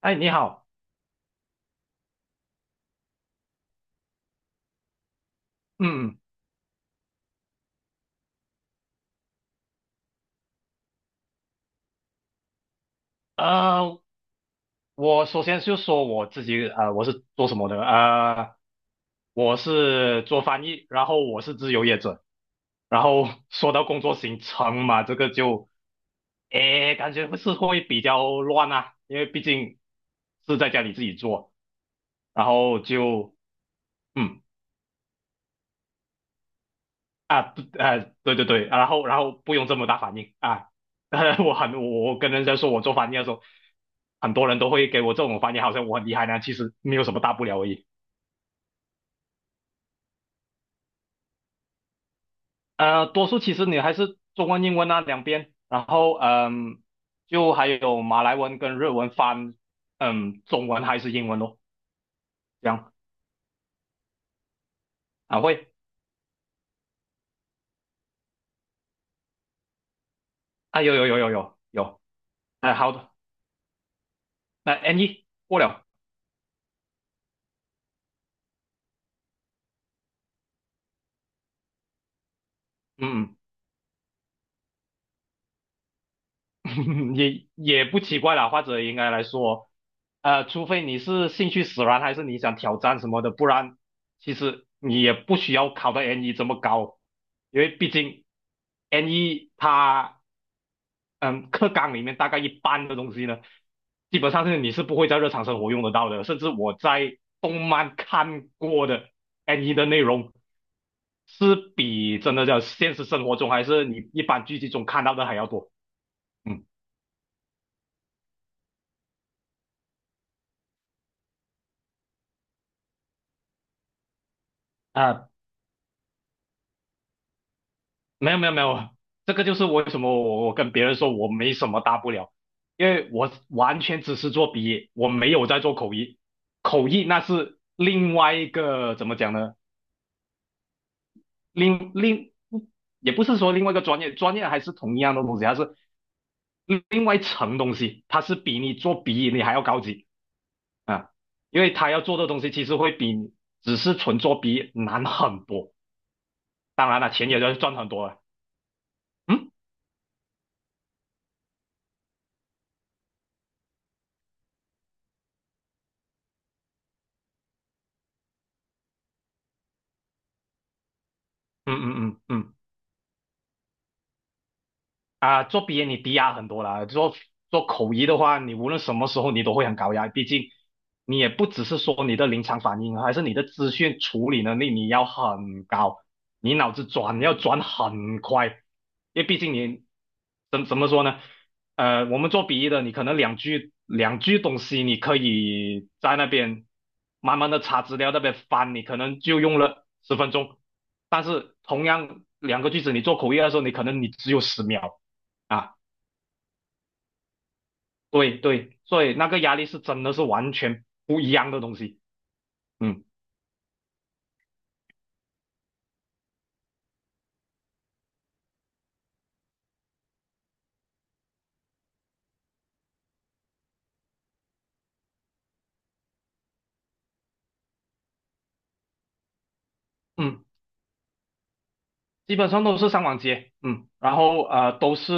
哎，你好。嗯。呃，我首先就说我自己，我是做什么的？我是做翻译，然后我是自由业者，然后 说到工作行程嘛，这个就，感觉是会比较乱啊，因为毕竟是在家里自己做，然后就，嗯。啊，对啊，对对对，然后不用这么大反应啊，我很我我跟人家说我做翻译的时候，很多人都会给我这种反应，好像我很厉害呢，其实没有什么大不了而已。多数其实你还是中文英文啊两边，然后就还有马来文跟日文翻，中文还是英文咯，这样。啊会。啊有有有有有有。哎、好的，那 N 一过了，嗯嗯。也不奇怪啦，或者应该来说，除非你是兴趣使然，还是你想挑战什么的，不然其实你也不需要考到 N 一这么高，因为毕竟 N 一它嗯课纲里面大概一半的东西呢，基本上是你是不会在日常生活用得到的，甚至我在动漫看过的 N 一的内容是比真的叫现实生活中还是你一般剧集中看到的还要多，嗯啊、没有没有没有，这个就是为什么我跟别人说我没什么大不了，因为我完全只是做笔译，我没有在做口译，口译那是另外一个怎么讲呢？另另也不是说另外一个专业，专业还是同一样的东西，它是另外一层东西，它是比你做笔译你还要高级啊，因为他要做的东西其实会比你只是纯做笔译难很多，当然了，钱也要赚很多了，嗯嗯嗯嗯嗯。啊、做鼻炎你低压很多啦，做口译的话，你无论什么时候你都会很高压，毕竟你也不只是说你的临场反应，还是你的资讯处理能力你要很高，你脑子转要转很快，因为毕竟你怎么说呢？我们做笔译的，你可能两句两句东西，你可以在那边慢慢的查资料，那边翻，你可能就用了10分钟。但是同样两个句子，你做口译的时候，你可能你只有10秒，啊，对对，所以那个压力是真的是完全不一样的东西，嗯嗯，基本上都是上网接，然后都是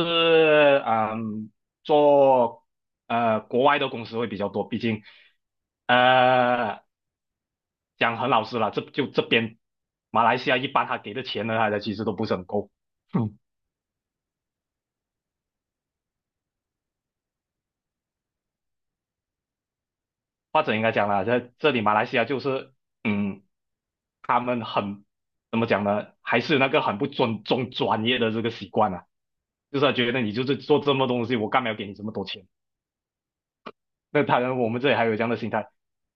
做国外的公司会比较多，毕竟呃讲很老实了，这就这边马来西亚一般他给的钱呢，他的其实都不是很够，嗯，或者应该讲啦，在这里马来西亚就是嗯他们很。怎么讲呢？还是有那个很不尊重专业的这个习惯啊。就是他觉得你就是做这么多东西，我干嘛要给你这么多钱？那当然，我们这里还有这样的心态。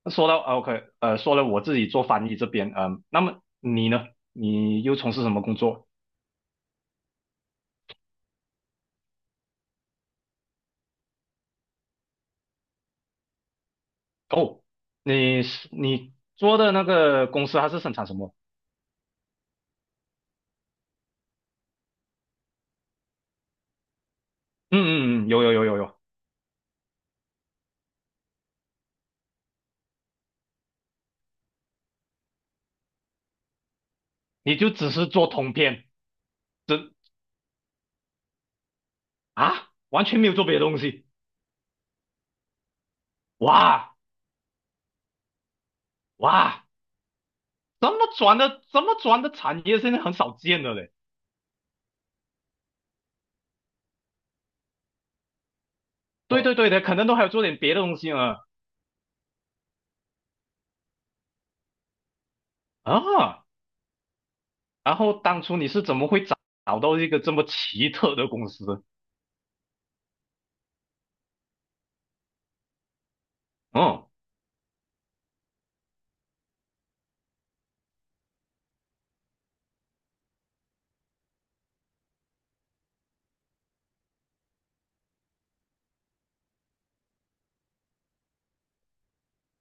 那说到啊 OK，说了我自己做翻译这边，那么你呢？你又从事什么工作？哦，你是你做的那个公司它是生产什么？嗯嗯嗯，有有有有有，你就只是做通篇，这啊，完全没有做别的东西。哇哇，这么转的产业现在很少见了嘞。对哦对对的，可能都还有做点别的东西呢。啊然后当初你是怎么会找找到一个这么奇特的公司？嗯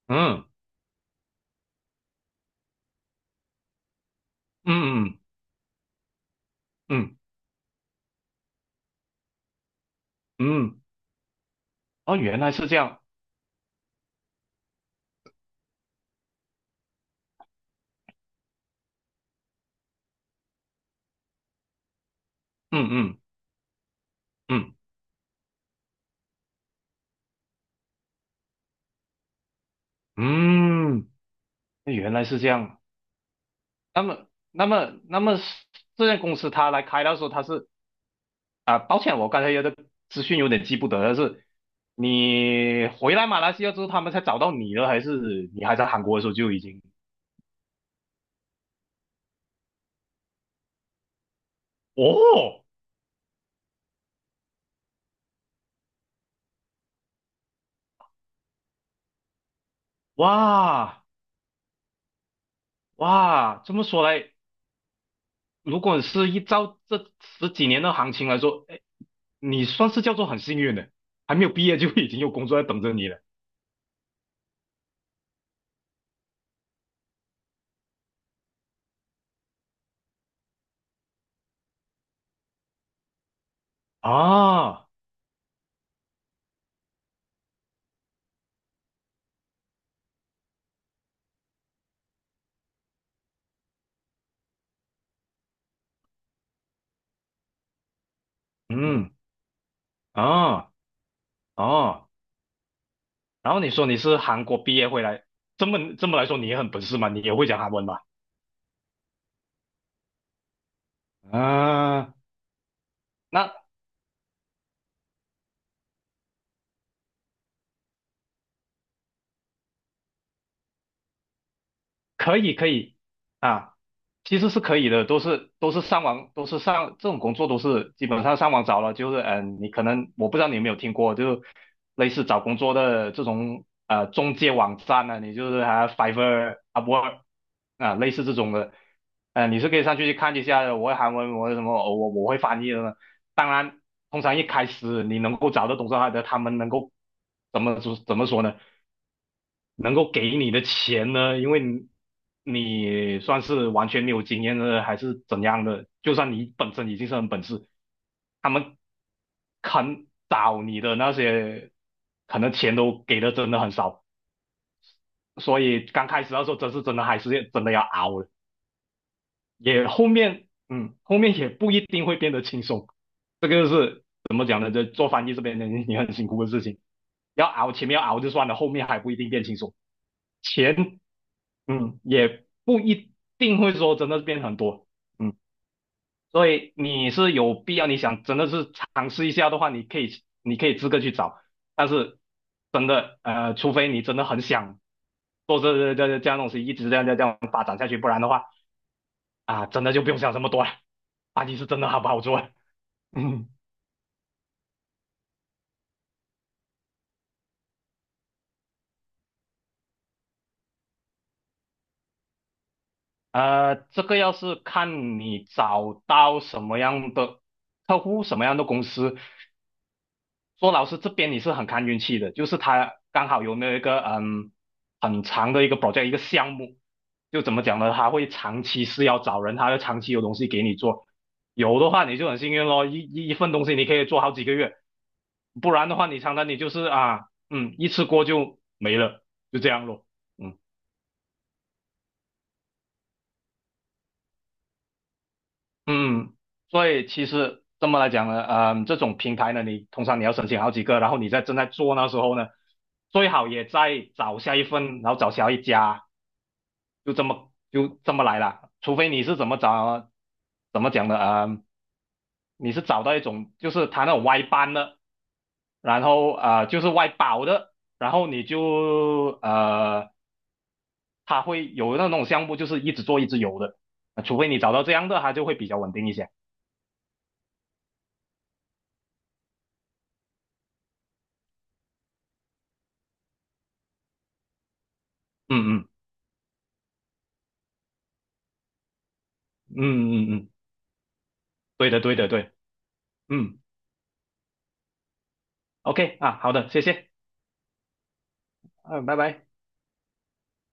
嗯嗯嗯嗯嗯，哦，原来是这样，嗯嗯嗯嗯，那原来是这样。那么是这家公司他来开的时候，他是啊，抱歉，我刚才有的资讯有点记不得了，是你回来马来西亚之后，他们才找到你了，还是你还在韩国的时候就已经？哦，哇哇，这么说来，如果是依照这十几年的行情来说，哎，你算是叫做很幸运的，还没有毕业就已经有工作在等着你了啊，嗯啊哦，然后你说你是韩国毕业回来，这么来说你也很本事嘛，你也会讲韩文吧？啊，那可以可以啊，其实是可以的，都是上网，都是上这种工作都是基本上上网找了，就是你可能我不知道你有没有听过，就类似找工作的这种中介网站呢、啊你就是还、Fiverr、UPW 啊，类似这种的，你是可以上去去看一下的我会韩文，我会什么，哦我会翻译的呢。当然，通常一开始你能够找到懂这行的，他们能够怎么说呢？能够给你的钱呢，因为你算是完全没有经验的，还是怎样的？就算你本身已经是很本事，他们肯找你的那些，可能钱都给的真的很少，所以刚开始的时候，真是真的还是真的要熬了。也后面后面也不一定会变得轻松，这个是怎么讲呢？这做翻译这边的你很辛苦的事情，要熬前面要熬就算了，后面还不一定变轻松。钱也不一定会说真的变很多，嗯，所以你是有必要，你想真的是尝试一下的话，你可以自个去找，但是真的除非你真的很想做这样东西，一直这样这样这样发展下去，不然的话啊，真的就不用想这么多了，巴基是真的好不好做，嗯，这个要是看你找到什么样的客户，什么样的公司。说老师这边你是很看运气的，就是他刚好有那一个很长的一个项目，就怎么讲呢？他会长期是要找人，他要长期有东西给你做。有的话你就很幸运咯，一份东西你可以做好几个月，不然的话你常常你就是啊一次过就这样咯，嗯嗯，所以其实这么来讲呢，这种平台呢，你通常你要申请好几个，然后你在正在做那时候呢。最好也再找下一份，然后找下一家，就这么来了，除非你是怎么找，怎么讲的啊、你是找到一种就是他那种外班的，然后啊、就是外包的，然后你就他会有那种项目就是一直做一直有的，除非你找到这样的，他就会比较稳定一些。嗯嗯嗯嗯嗯，嗯对的对的对，嗯，OK 啊，好的，谢谢，嗯，拜拜。